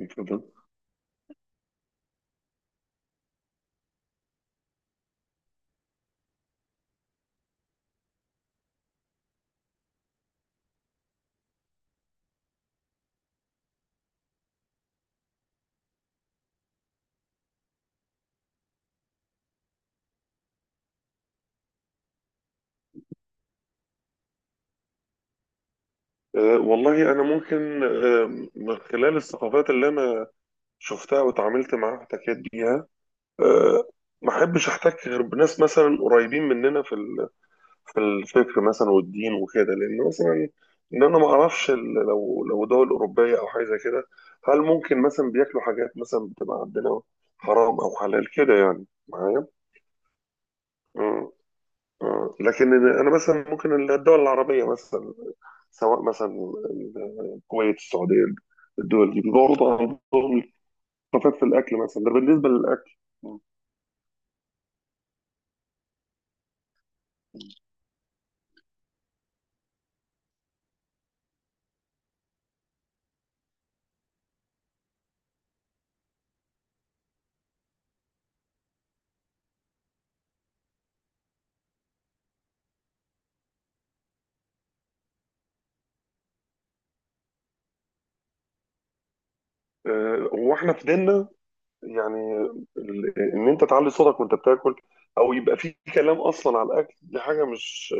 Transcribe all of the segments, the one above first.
اتفضل. والله أنا ممكن من خلال الثقافات اللي أنا شفتها وتعاملت معاها واحتكيت بيها، أه ما أحبش أحتك غير بناس مثلا قريبين مننا في الفكر مثلا والدين وكده، لأن مثلا إن أنا ما أعرفش لو دول أوروبية أو حاجة زي كده هل ممكن مثلا بياكلوا حاجات مثلا بتبقى عندنا حرام أو حلال كده يعني معايا؟ أه. أه. لكن أنا مثلا ممكن الدول العربية مثلا، سواء مثلا الكويت، السعوديه، الدول دي برضه عندهم الثقافات في الاكل مثلا. ده بالنسبه للاكل. واحنا في ديننا، يعني ان انت تعلي صوتك وانت بتاكل او يبقى في كلام اصلا على الاكل، دي حاجه مش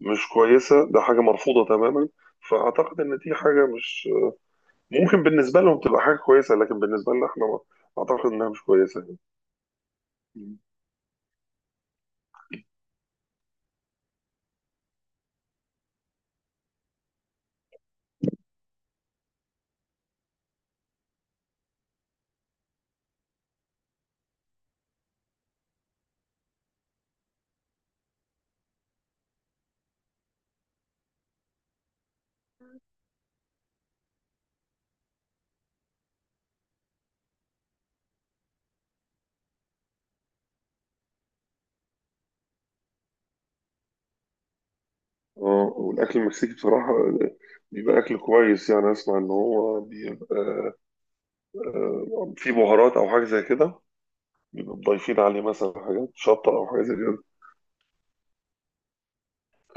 مش كويسه، ده حاجه مرفوضه تماما. فاعتقد ان دي حاجه مش ممكن بالنسبه لهم تبقى حاجه كويسه، لكن بالنسبه لنا احنا اعتقد انها مش كويسه يعني. اه، والاكل المكسيكي بصراحه بيبقى اكل كويس، يعني اسمع ان هو بيبقى في بهارات او حاجه زي كده، بيبقوا ضايفين عليه مثلا حاجات شطه او حاجه زي كده.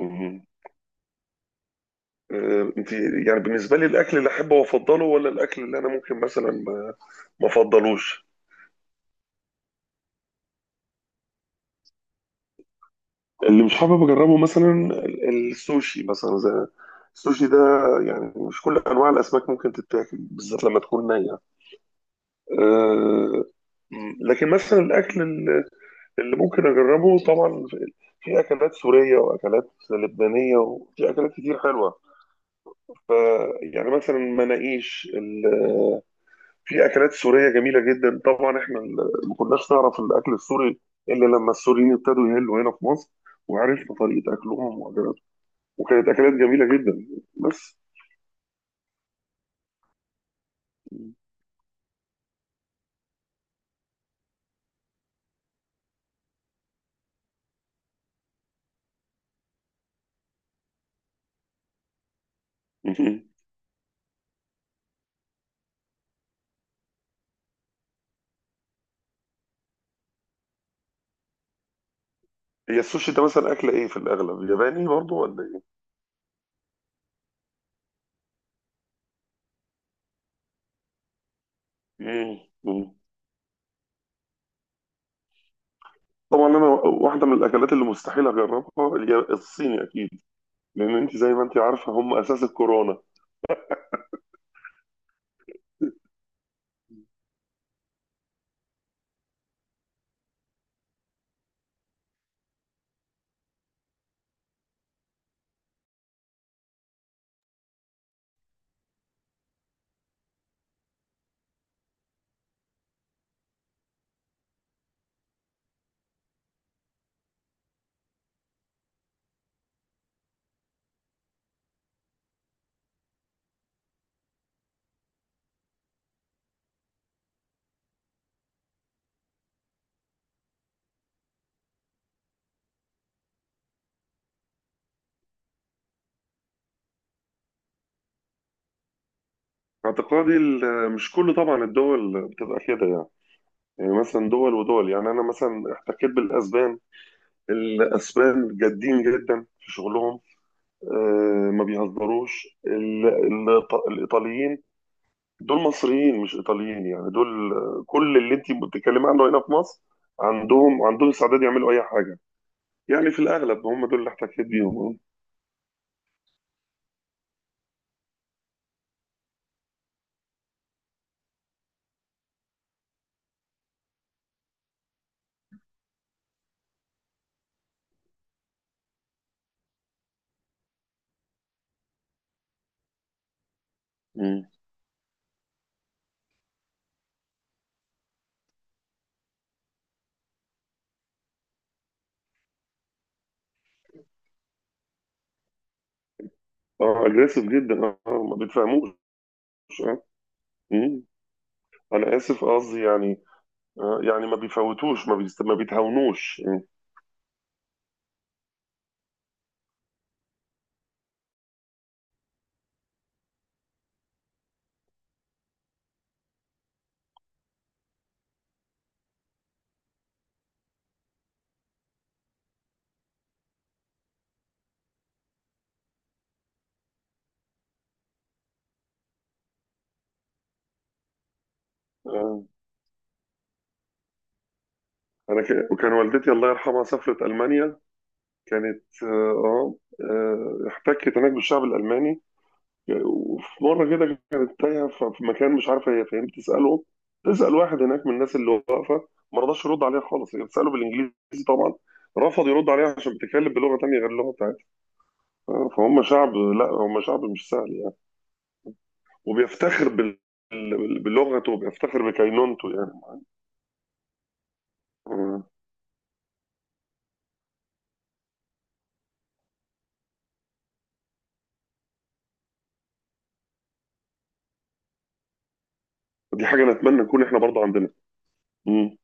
مم. انت يعني بالنسبه لي الاكل اللي احبه وافضله ولا الاكل اللي انا ممكن مثلا ما افضلوش؟ اللي مش حابب اجربه مثلا السوشي، مثلا زي السوشي ده، يعني مش كل انواع الاسماك ممكن تتاكل بالذات لما تكون نيه. آه، مم. لكن مثلا الاكل اللي ممكن اجربه طبعا في اكلات سوريه واكلات لبنانيه وفي اكلات كتير حلوه. ف يعني مثلا مناقيش في اكلات سوريه جميله جدا. طبعا احنا ما كناش نعرف الاكل السوري الا لما السوريين ابتدوا يهلوا هنا في مصر، وعرفنا طريقه اكلهم واكلاتهم، وكانت اكلات جميله جدا بس. مم. هي السوشي ده مثلا اكله ايه في الاغلب؟ ياباني برضو ولا ايه؟ مم. مم. طبعا انا واحده من الاكلات اللي مستحيل اجربها الصيني اكيد، لان انت زي ما انت عارفه هم اساس الكورونا. اعتقادي مش كل طبعا الدول بتبقى كده يعني. يعني مثلا دول ودول، يعني انا مثلا احتكيت بالاسبان، الاسبان جادين جدا في شغلهم، ما بيهزروش الايطاليين، دول مصريين مش ايطاليين، يعني دول كل اللي انت بتتكلمي عنه هنا في مصر عندهم استعداد يعملوا اي حاجه. يعني في الاغلب هم دول اللي احتكيت بيهم. اه. مم. اه، اجريسيف جدا، اه ما بيتفهموش. آه. مم. انا اسف، قصدي يعني يعني ما بيفوتوش، ما بيتهاونوش. آه. وكان والدتي الله يرحمها سافرت المانيا، كانت احتكت هناك بالشعب الالماني. وفي مره كده كانت تايهه في مكان مش عارفه هي فين، بتساله، تسال واحد هناك من الناس اللي واقفه، ما رضاش يرد عليها خالص. هي بتساله بالانجليزي طبعا، رفض يرد عليها عشان بتتكلم بلغه تانيه غير اللغه بتاعتها. فهم شعب، لا هم شعب مش سهل يعني، وبيفتخر بلغته، وبيفتخر بكينونته يعني. آه، دي حاجه نتمنى نكون احنا برضه عندنا. امم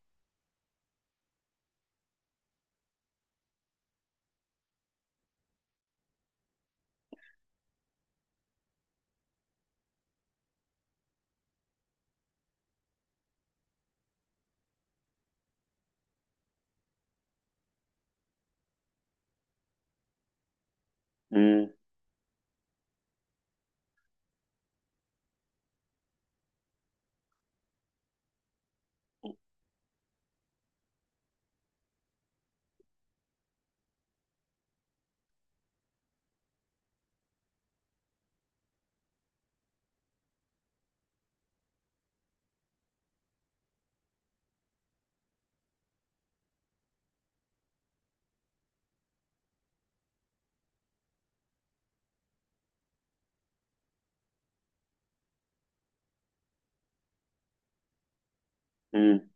امم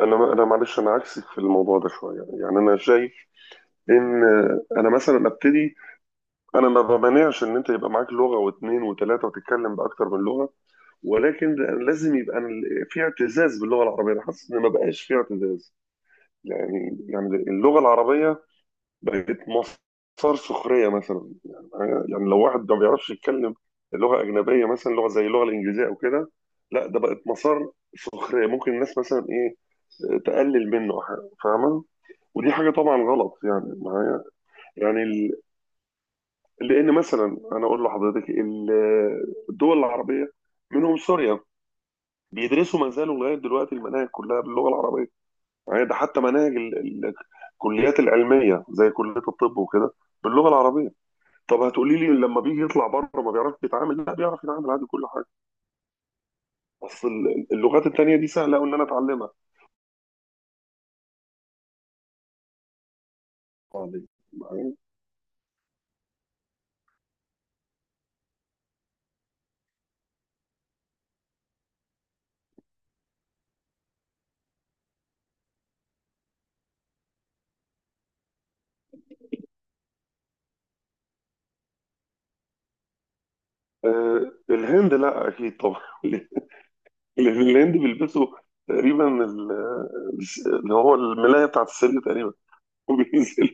انا معلش انا عكسك في الموضوع ده شويه، يعني انا شايف ان انا مثلا ابتدي، انا ما بمانعش ان انت يبقى معاك لغه واثنين وثلاثه وتتكلم باكتر من لغه، ولكن لازم يبقى في اعتزاز باللغه العربيه. انا حاسس ان ما بقاش في اعتزاز، يعني اللغه العربيه بقت مصدر سخريه مثلا. يعني لو واحد ما بيعرفش يتكلم لغه اجنبيه، مثلا لغه زي اللغه الانجليزيه او كده، لا ده بقت مسار سخريه، ممكن الناس مثلا ايه تقلل منه، فاهمه. ودي حاجة طبعا غلط يعني معايا. يعني لأن مثلا أنا أقول لحضرتك الدول العربية منهم سوريا، بيدرسوا ما زالوا لغاية دلوقتي المناهج كلها باللغة العربية. يعني ده حتى مناهج الكليات العلمية زي كلية الطب وكده باللغة العربية. طب هتقولي لي لما بيجي يطلع بره ما بيعرفش يتعامل؟ لا بيعرف يتعامل عادي كل حاجة، بس اللغات التانية دي سهلة أوي إن أنا أتعلمها، معايا؟ الهند لا أكيد طبعا. اللي في الهند بيلبسوا تقريبا اللي هو الملاية بتاعت السرير تقريبا، وبينزلوا.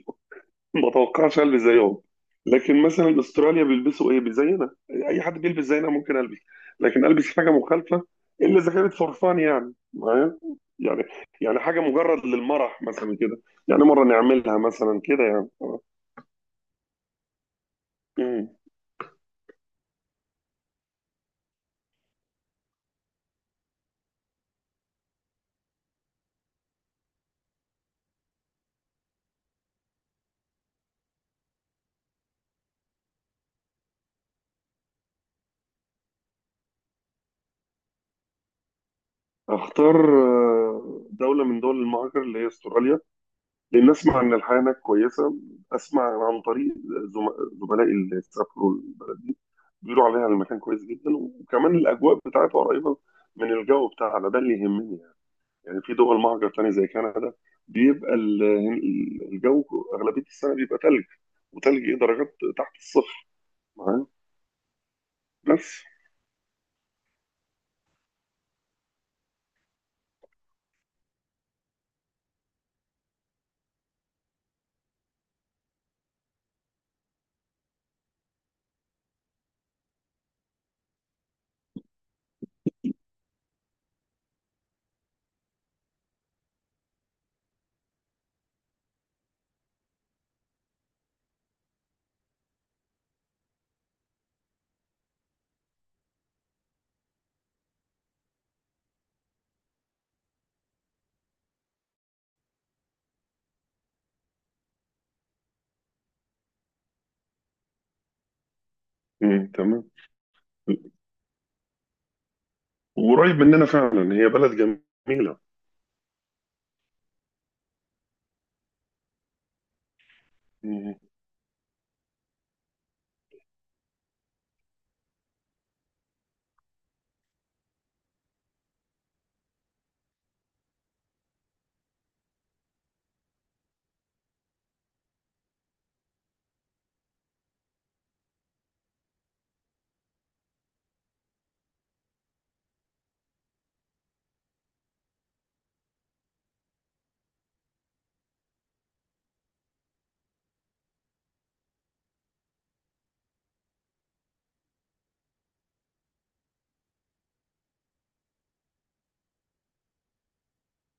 ما اتوقعش البس زيهم. لكن مثلا استراليا بيلبسوا ايه؟ زينا، اي حد بيلبس زينا ممكن البس، لكن البس حاجه مخالفه الا اذا كانت فرفان، يعني معايا، يعني يعني حاجه مجرد للمرح مثلا كده، يعني مره نعملها مثلا كده يعني. مم. اختار دوله من دول المهاجر اللي هي استراليا، لأن أسمع إن الحياة هناك كويسة. أسمع عن طريق زملائي اللي سافروا البلد دي بيقولوا عليها المكان كويس جدا، وكمان الأجواء بتاعتها قريبة من الجو بتاعنا، ده اللي يهمني يعني. يعني في دول مهجر تاني زي كندا بيبقى الجو أغلبية السنة بيبقى تلج، وتلج درجات تحت الصفر، معايا، بس. مم، تمام. وقريب مننا فعلا، هي بلد جميلة. مم.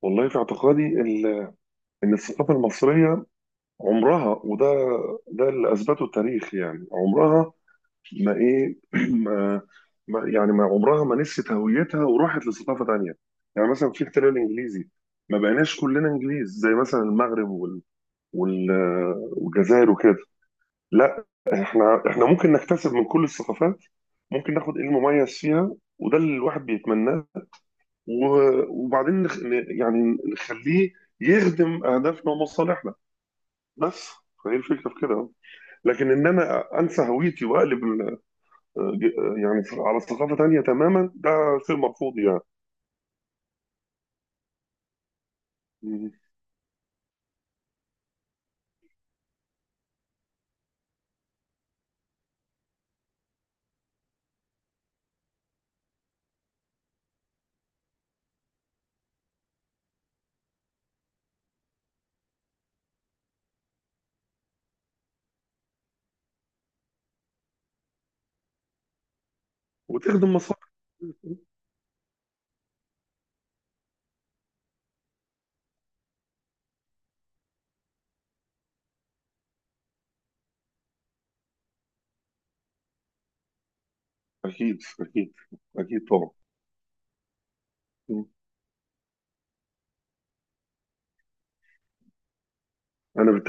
والله في اعتقادي إن الثقافة المصرية عمرها، ده اللي اثبته التاريخ، يعني عمرها ما ايه ما ما عمرها ما نسيت هويتها وراحت لثقافه تانيه. يعني مثلا في احتلال انجليزي، ما بقيناش كلنا انجليز زي مثلا المغرب وال والجزائر وكده. لا احنا ممكن نكتسب من كل الثقافات، ممكن ناخد المميز فيها، وده اللي الواحد بيتمناه، وبعدين يعني نخليه يخدم اهدافنا ومصالحنا بس. فهي الفكره في كده. لكن ان انا انسى هويتي واقلب ج- يعني على ثقافه تانية تماما، ده شيء مرفوض يعني. مم. وتخدم مصالح. اكيد اكيد اكيد طبعا. مم. انا بالتالي